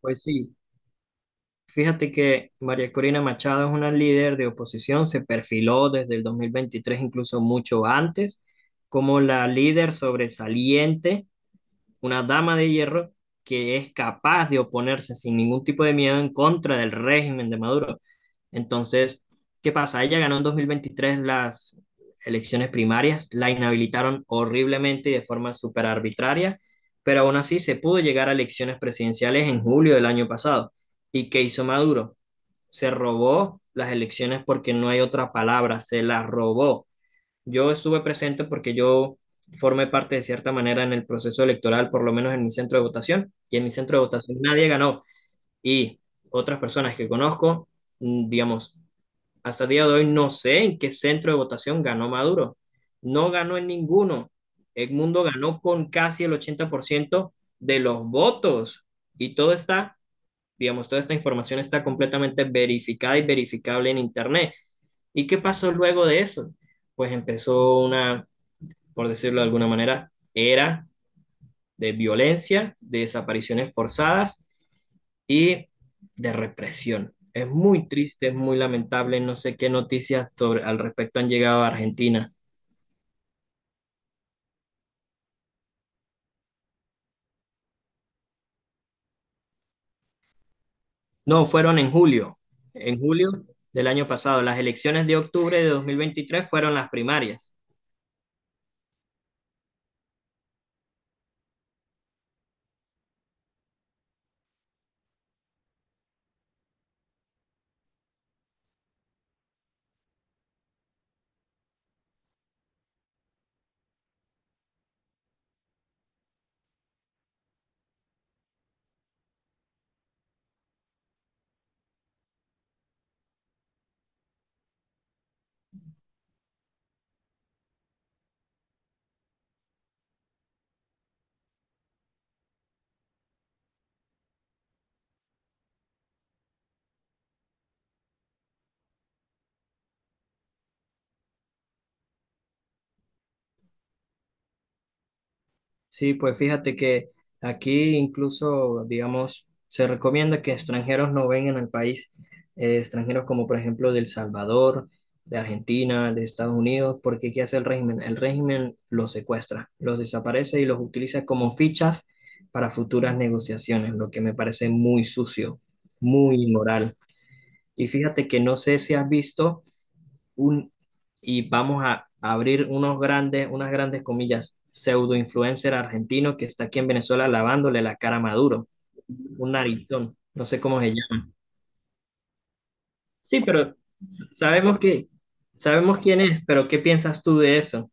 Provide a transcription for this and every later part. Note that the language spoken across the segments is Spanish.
Pues sí, fíjate que María Corina Machado es una líder de oposición, se perfiló desde el 2023, incluso mucho antes, como la líder sobresaliente, una dama de hierro que es capaz de oponerse sin ningún tipo de miedo en contra del régimen de Maduro. Entonces, ¿qué pasa? Ella ganó en 2023 las elecciones primarias, la inhabilitaron horriblemente y de forma súper arbitraria, pero aún así se pudo llegar a elecciones presidenciales en julio del año pasado. ¿Y qué hizo Maduro? Se robó las elecciones, porque no hay otra palabra, se las robó. Yo estuve presente porque yo formé parte de cierta manera en el proceso electoral, por lo menos en mi centro de votación, y en mi centro de votación nadie ganó. Y otras personas que conozco, digamos, hasta el día de hoy no sé en qué centro de votación ganó Maduro. No ganó en ninguno. Edmundo ganó con casi el 80% de los votos. Y todo está, digamos, toda esta información está completamente verificada y verificable en Internet. ¿Y qué pasó luego de eso? Pues empezó una, por decirlo de alguna manera, era de violencia, de desapariciones forzadas y de represión. Es muy triste, es muy lamentable, no sé qué noticias sobre, al respecto, han llegado a Argentina. No, fueron en julio del año pasado. Las elecciones de octubre de 2023 fueron las primarias. Sí, pues fíjate que aquí incluso, digamos, se recomienda que extranjeros no vengan al país, extranjeros como por ejemplo de El Salvador, de Argentina, de Estados Unidos, porque ¿qué hace el régimen? El régimen los secuestra, los desaparece y los utiliza como fichas para futuras negociaciones, lo que me parece muy sucio, muy inmoral. Y fíjate que no sé si has visto un, y vamos a abrir unos grandes, unas grandes comillas, pseudo influencer argentino que está aquí en Venezuela lavándole la cara a Maduro, un narizón, no sé cómo se llama. Sí, pero sabemos que, sabemos quién es, pero ¿qué piensas tú de eso?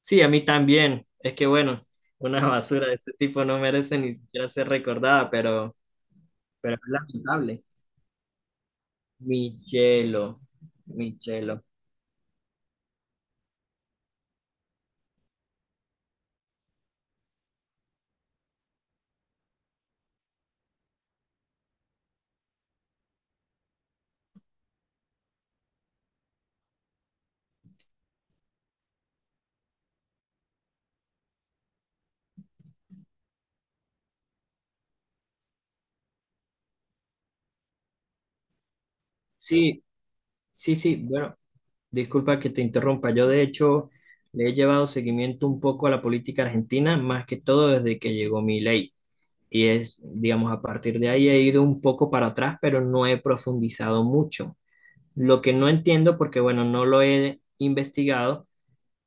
Sí, a mí también. Es que bueno, una basura de ese tipo no merece ni siquiera ser recordada, pero es lamentable. Mi hielo. Sí, sí, sí, bueno, disculpa que te interrumpa. Yo, de hecho, le he llevado seguimiento un poco a la política argentina, más que todo desde que llegó mi ley. Y es, digamos, a partir de ahí he ido un poco para atrás, pero no he profundizado mucho. Lo que no entiendo, porque bueno, no lo he investigado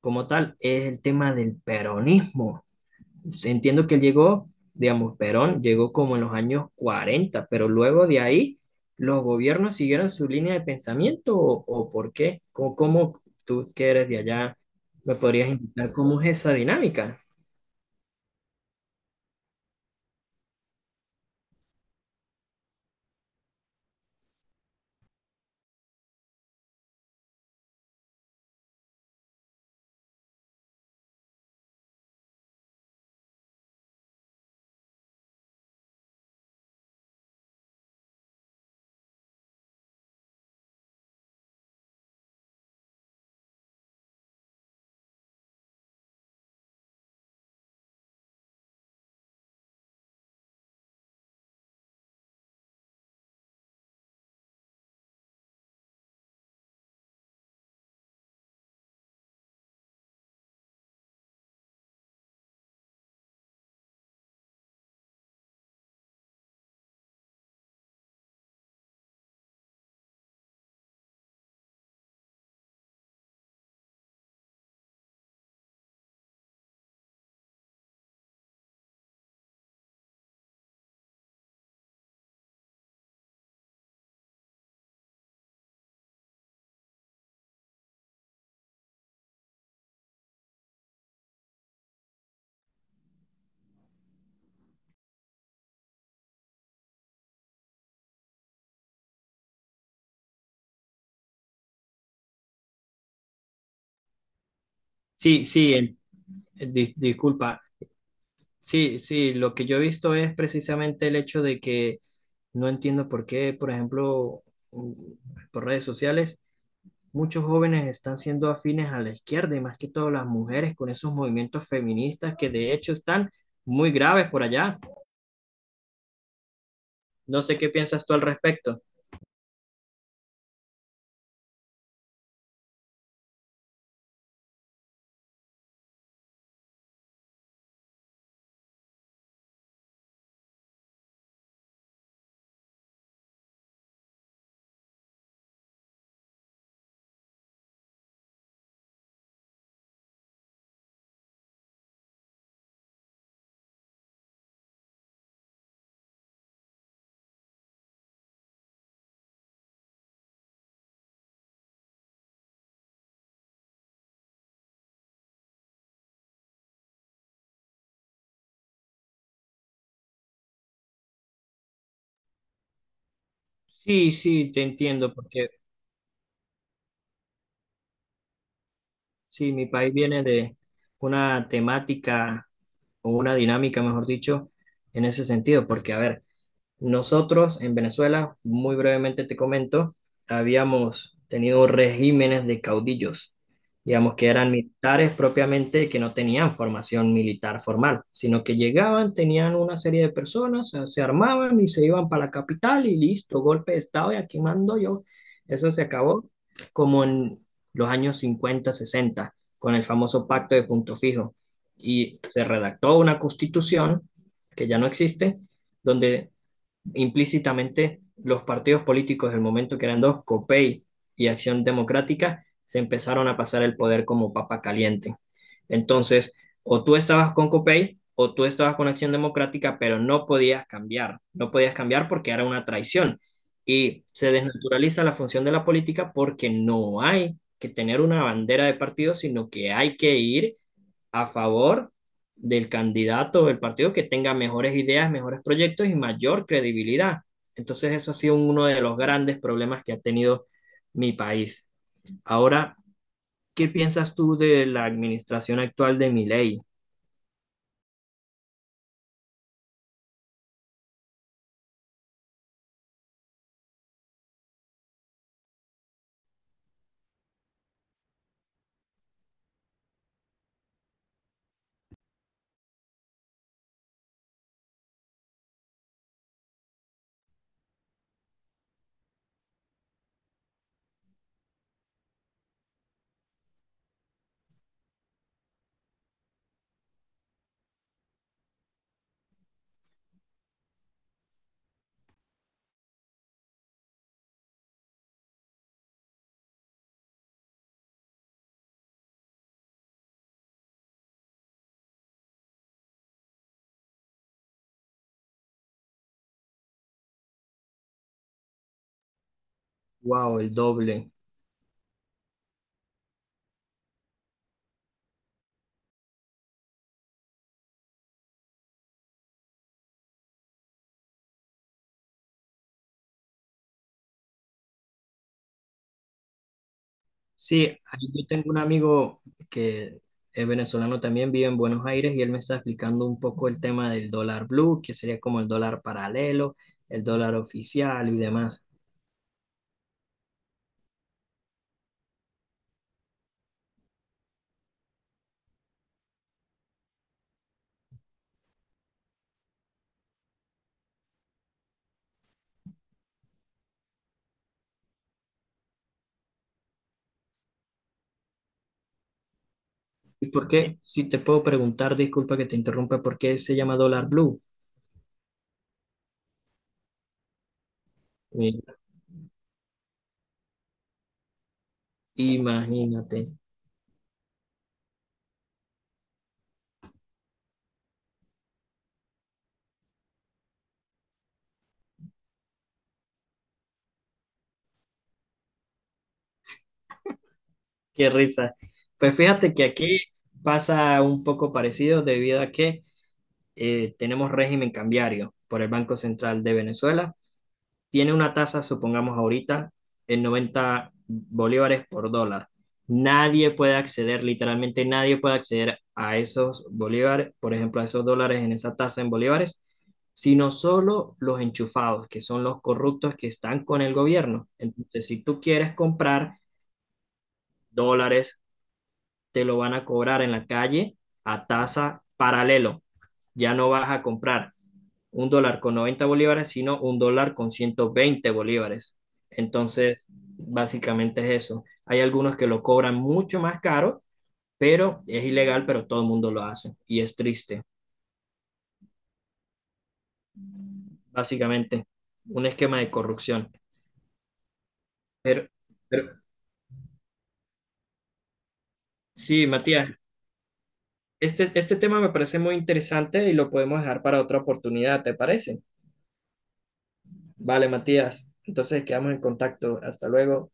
como tal, es el tema del peronismo, pues. Entiendo que él llegó, digamos, Perón llegó como en los años 40, pero luego de ahí, ¿los gobiernos siguieron su línea de pensamiento o por qué? ¿Cómo, cómo tú que eres de allá me podrías indicar cómo es esa dinámica? Sí, sí, disculpa. Sí, sí, lo que yo he visto es precisamente el hecho de que no entiendo por qué, por ejemplo, mm, por redes sociales muchos jóvenes están siendo afines a la izquierda y más que todo las mujeres con esos movimientos feministas que de hecho están muy graves por allá. No sé qué piensas tú al respecto. Sí, sí, te entiendo, porque sí, mi país viene de una temática o una dinámica, mejor dicho, en ese sentido, porque a ver, nosotros en Venezuela, muy brevemente te comento, habíamos tenido regímenes de caudillos, digamos que eran militares propiamente que no tenían formación militar formal, sino que llegaban, tenían una serie de personas, se armaban y se iban para la capital y listo, golpe de estado y aquí mando yo. Eso se acabó como en los años 50, 60, con el famoso pacto de Punto Fijo. Y se redactó una constitución que ya no existe donde implícitamente los partidos políticos del momento, que eran dos, COPEI y Acción Democrática, se empezaron a pasar el poder como papa caliente. Entonces, o tú estabas con COPEI o tú estabas con Acción Democrática, pero no podías cambiar, no podías cambiar porque era una traición. Y se desnaturaliza la función de la política porque no hay que tener una bandera de partido, sino que hay que ir a favor del candidato del partido que tenga mejores ideas, mejores proyectos y mayor credibilidad. Entonces eso ha sido uno de los grandes problemas que ha tenido mi país. Ahora, ¿qué piensas tú de la administración actual de Milei? Wow, el doble. Sí, ahí yo tengo un amigo que es venezolano también, vive en Buenos Aires y él me está explicando un poco el tema del dólar blue, que sería como el dólar paralelo, el dólar oficial y demás. ¿Y por qué? Si te puedo preguntar, disculpa que te interrumpa, ¿por qué se llama dólar blue? Mira, imagínate, qué risa. Pues fíjate que aquí pasa un poco parecido debido a que tenemos régimen cambiario por el Banco Central de Venezuela, tiene una tasa, supongamos ahorita, en 90 bolívares por dólar. Nadie puede acceder, literalmente nadie puede acceder a esos bolívares, por ejemplo, a esos dólares en esa tasa en bolívares, sino solo los enchufados, que son los corruptos que están con el gobierno. Entonces, si tú quieres comprar dólares, te lo van a cobrar en la calle a tasa paralelo, ya no vas a comprar un dólar con 90 bolívares, sino un dólar con 120 bolívares. Entonces, básicamente es eso. Hay algunos que lo cobran mucho más caro, pero es ilegal, pero todo el mundo lo hace y es triste, básicamente, un esquema de corrupción. Pero, pero sí, Matías, este tema me parece muy interesante y lo podemos dejar para otra oportunidad, ¿te parece? Vale, Matías, entonces quedamos en contacto. Hasta luego.